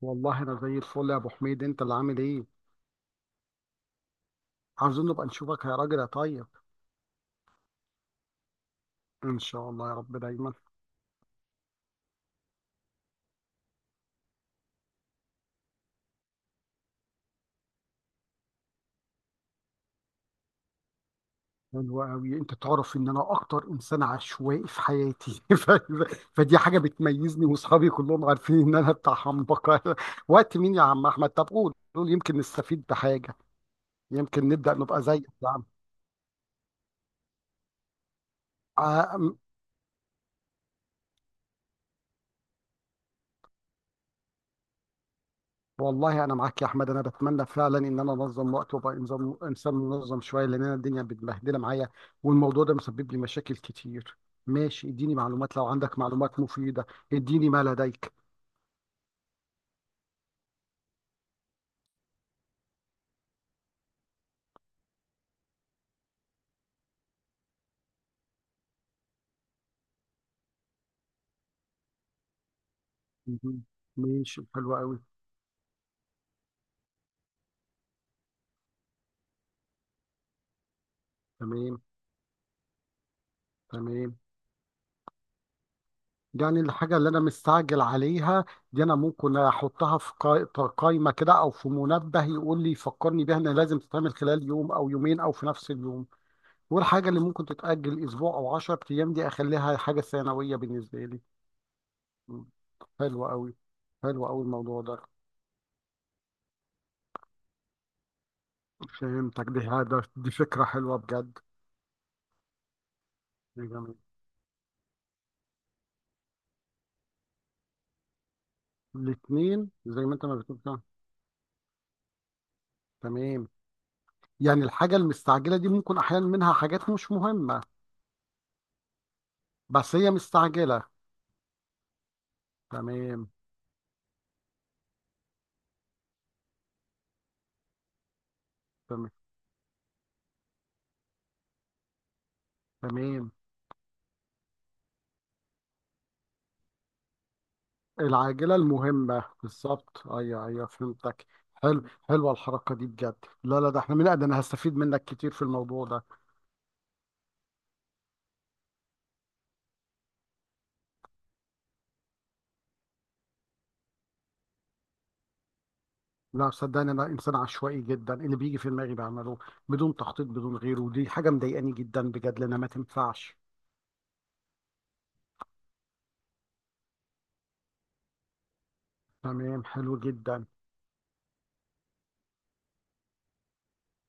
والله انا زي الفل يا ابو حميد، انت اللي عامل ايه؟ عاوزين نبقى نشوفك يا راجل يا طيب. ان شاء الله يا رب دايما. حلو قوي، انت تعرف ان انا اكتر انسان عشوائي في حياتي ف... فدي حاجه بتميزني، واصحابي كلهم عارفين ان انا بتاع حنبقه وقت مين يا عم احمد؟ طب قول يمكن نستفيد بحاجه، يمكن نبدا نبقى زيك يا عم. آه، والله انا معاك يا احمد، انا بتمنى فعلا ان انا انظم وقت وابقى انظم، انسان منظم شويه، لان انا الدنيا متبهدله معايا والموضوع ده مسبب لي مشاكل كتير. ماشي اديني معلومات لو عندك معلومات مفيده، اديني ما لديك. مهم. ماشي حلو قوي. تمام. تمام. يعني الحاجه اللي انا مستعجل عليها دي انا ممكن احطها في قائمه كده او في منبه يقول لي، يفكرني بيها انها لازم تتعمل خلال يوم او يومين او في نفس اليوم. والحاجة اللي ممكن تتأجل أسبوع أو 10 أيام دي أخليها حاجة ثانوية بالنسبة لي. مم. حلو أوي. حلو أوي الموضوع ده، فهمتك. دي فكرة حلوة بجد. دي جميل. الاتنين زي ما أنت ما بتقول كده. تمام. يعني الحاجة المستعجلة دي ممكن أحيانا منها حاجات مش مهمة بس هي مستعجلة. تمام. تمام. تمام. العاجلة المهمة بالظبط، أيوه أيوه فهمتك. حلو. حلوة الحركة دي بجد. لا لا، ده احنا من ده أنا هستفيد منك كتير في الموضوع ده. لا صدقني انا انسان عشوائي جدا، اللي بيجي في دماغي بعمله بدون تخطيط بدون غيره، ودي حاجه مضايقاني جدا بجد لانها ما تنفعش. تمام حلو جدا.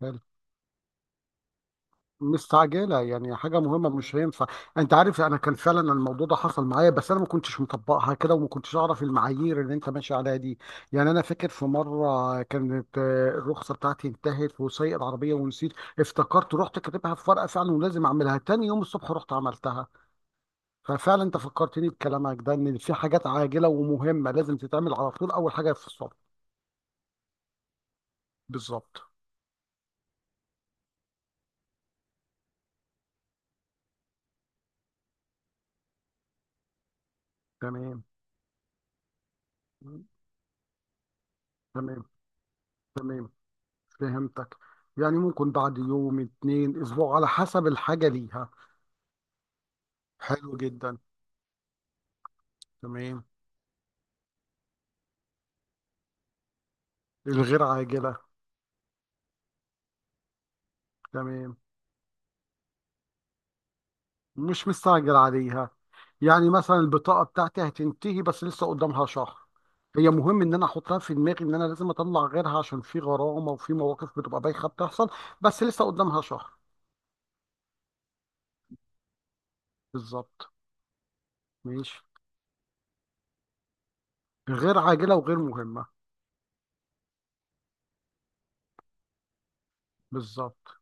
حلو. مستعجله يعني حاجه مهمه مش هينفع. انت عارف انا كان فعلا الموضوع ده حصل معايا، بس انا ما كنتش مطبقها كده وما كنتش اعرف المعايير اللي انت ماشي عليها دي. يعني انا فاكر في مره كانت الرخصه بتاعتي انتهت وسايق العربيه ونسيت. افتكرت، رحت كاتبها في ورقه فعلا، ولازم اعملها تاني يوم الصبح، رحت عملتها. ففعلا انت فكرتني بكلامك ده ان في حاجات عاجله ومهمه لازم تتعمل على طول اول حاجه في الصبح. بالظبط. تمام. تمام. تمام. فهمتك. يعني ممكن بعد يوم، اتنين، اسبوع، على حسب الحاجه ليها. حلو جدا. تمام. الغير عاجله. تمام. مش مستعجل عليها. يعني مثلا البطاقه بتاعتي هتنتهي بس لسه قدامها شهر. هي مهم ان انا احطها في دماغي ان انا لازم اطلع غيرها عشان في غرامه وفي مواقف بتبقى بايخه بتحصل، بس لسه قدامها شهر. بالظبط. ماشي. غير عاجلة وغير مهمة. بالظبط.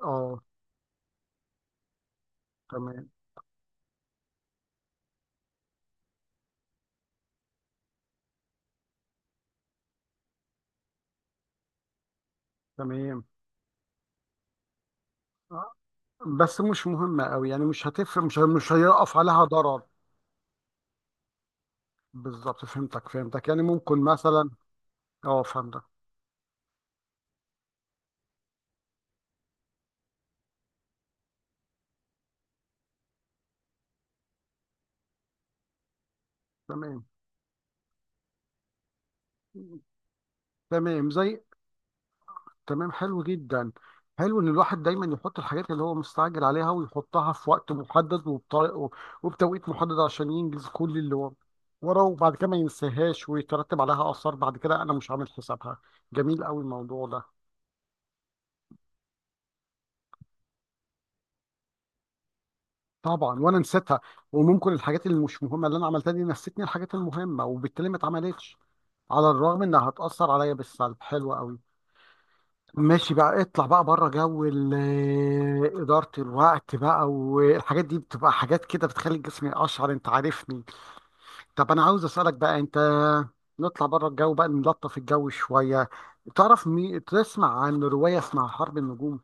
اه. تمام. تمام. آه، بس مش مهمة أوي، يعني مش هتفرق، مش هيقف عليها ضرر. بالظبط فهمتك فهمتك. يعني ممكن مثلا. اه فهمتك. تمام. تمام زي. تمام حلو جدا. حلو ان الواحد دايما يحط الحاجات اللي هو مستعجل عليها ويحطها في وقت محدد وبطريقه وبتوقيت محدد عشان ينجز كل اللي هو وراه، وبعد كده ما ينساهاش ويترتب عليها اثار بعد كده انا مش عامل حسابها. جميل قوي الموضوع ده. طبعا وانا نسيتها. وممكن الحاجات اللي مش مهمه اللي انا عملتها دي نسيتني الحاجات المهمه وبالتالي ما اتعملتش على الرغم انها هتاثر عليا بالسلب. حلو قوي. ماشي بقى، اطلع بقى بره جو إدارة الوقت بقى، والحاجات دي بتبقى حاجات كده بتخلي الجسم يقشعر، انت عارفني. طب انا عاوز اسألك بقى انت، نطلع بره الجو بقى، نلطف الجو شوية. تعرف تسمع عن رواية اسمها حرب النجوم؟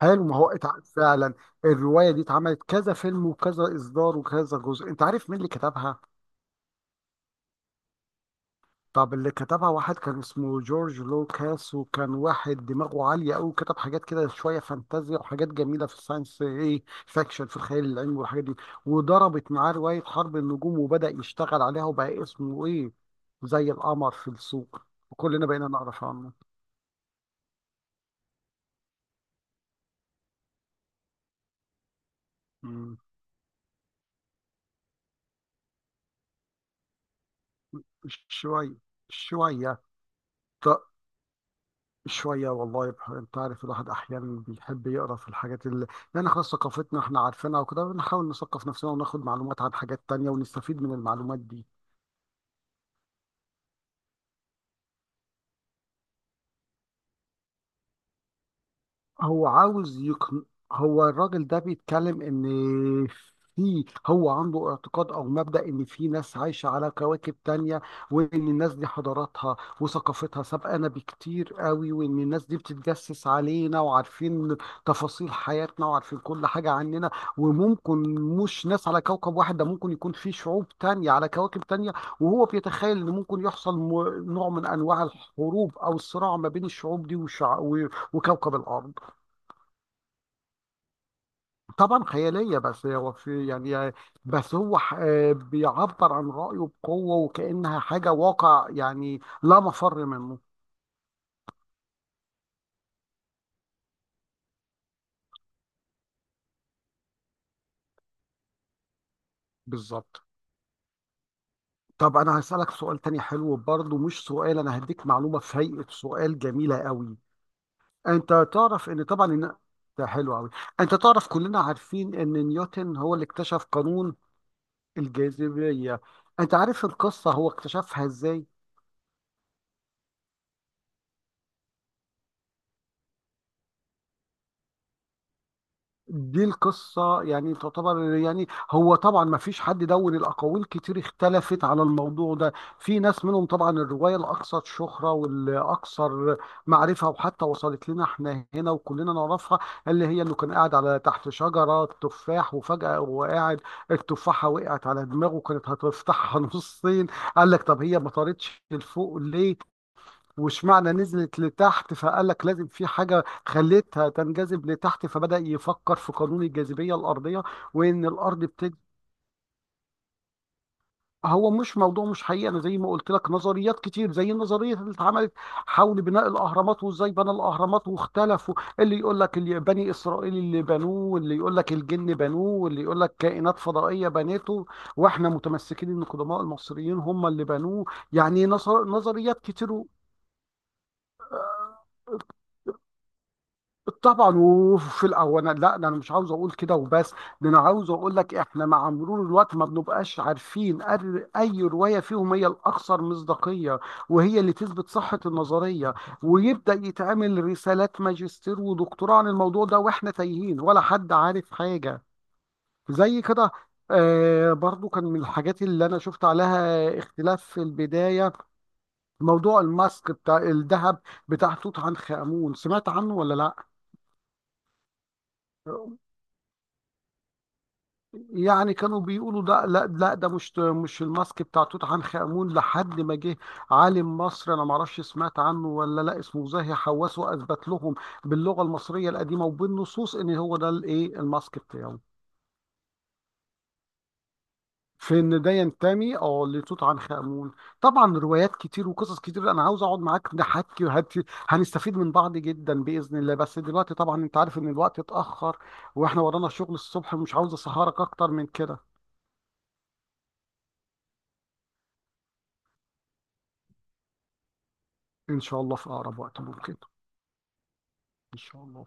حلو. ما هو فعلا الرواية دي اتعملت كذا فيلم وكذا إصدار وكذا جزء. انت عارف مين اللي كتبها؟ طب اللي كتبها واحد كان اسمه جورج لوكاس، وكان واحد دماغه عالية أوي، كتب حاجات كده شوية فانتازيا وحاجات جميلة في الساينس إيه فاكشن، في الخيال العلمي والحاجات دي. وضربت معاه رواية حرب النجوم وبدأ يشتغل عليها وبقى اسمه إيه، زي القمر في السوق، وكلنا بقينا نعرف عنه. مم. شوية شوية شوية. والله انت عارف الواحد احيانا بيحب يقرا في الحاجات اللي، يعني خلاص ثقافتنا احنا عارفينها وكده، بنحاول نثقف نفسنا وناخد معلومات عن حاجات تانية ونستفيد من المعلومات دي. هو عاوز يقن... هو الراجل ده بيتكلم ان في، هو عنده اعتقاد او مبدأ ان في ناس عايشة على كواكب تانية، وان الناس دي حضاراتها وثقافتها سابقانا بكتير قوي، وان الناس دي بتتجسس علينا وعارفين تفاصيل حياتنا وعارفين كل حاجة عننا. وممكن مش ناس على كوكب واحد، ده ممكن يكون في شعوب تانية على كواكب تانية. وهو بيتخيل ان ممكن يحصل نوع من انواع الحروب او الصراع ما بين الشعوب دي وكوكب الارض. طبعا خيالية، بس هو في يعني، بس هو بيعبر عن رأيه بقوة وكأنها حاجة واقع يعني لا مفر منه. بالظبط. طب أنا هسألك سؤال تاني حلو برضه، مش سؤال، أنا هديك معلومة في هيئة سؤال جميلة قوي. أنت تعرف إن طبعا إن، ده حلو قوي. أنت تعرف كلنا عارفين إن نيوتن هو اللي اكتشف قانون الجاذبية. أنت عارف القصة هو اكتشفها إزاي؟ دي القصة يعني تعتبر، يعني هو طبعا ما فيش حد، دون الأقاويل كتير اختلفت على الموضوع ده. في ناس منهم طبعا، الرواية الأكثر شهرة والأكثر معرفة وحتى وصلت لنا احنا هنا وكلنا نعرفها، اللي هي إنه كان قاعد على تحت شجرة تفاح، وفجأة هو قاعد التفاحة وقعت على دماغه كانت هتفتحها نصين. قال لك طب هي ما طارتش لفوق ليه؟ واشمعنى نزلت لتحت؟ فقال لك لازم في حاجة خلتها تنجذب لتحت. فبدأ يفكر في قانون الجاذبية الأرضية وإن الأرض بتج... هو مش موضوع مش حقيقي، أنا زي ما قلت لك نظريات كتير، زي النظرية اللي اتعملت حول بناء الأهرامات وإزاي بنى الأهرامات واختلفوا. اللي يقول لك اللي بني إسرائيل اللي بنوه، واللي يقول لك الجن بنوه، واللي يقول لك كائنات فضائية بنته، وإحنا متمسكين إن قدماء المصريين هم اللي بنوه. يعني نظريات كتير. طبعا وفي الاول انا، لا ده انا مش عاوز اقول كده وبس، ده انا عاوز اقول لك احنا مع مرور الوقت ما بنبقاش عارفين اي روايه فيهم هي الاكثر مصداقيه وهي اللي تثبت صحه النظريه، ويبدا يتعمل رسالات ماجستير ودكتوراه عن الموضوع ده، واحنا تايهين ولا حد عارف حاجه زي كده. آه برضو كان من الحاجات اللي انا شفت عليها اختلاف في البدايه، موضوع الماسك بتاع الذهب بتاع توت عنخ امون، سمعت عنه ولا لا؟ يعني كانوا بيقولوا ده، لا لا، ده مش الماسك بتاع توت عنخ آمون، لحد ما جه عالم مصري، انا ما اعرفش سمعت عنه ولا لا، اسمه زاهي حواس، واثبت لهم باللغه المصريه القديمه وبالنصوص ان هو ده الايه، الماسك بتاعه. في ان ده ينتمي اه لتوت عنخ آمون. طبعا روايات كتير وقصص كتير، انا عاوز اقعد معاك نحكي هنستفيد من بعض جدا باذن الله، بس دلوقتي طبعا انت عارف ان الوقت اتاخر واحنا ورانا شغل الصبح، مش عاوز اسهرك اكتر من كده. ان شاء الله في اقرب وقت ممكن. ان شاء الله.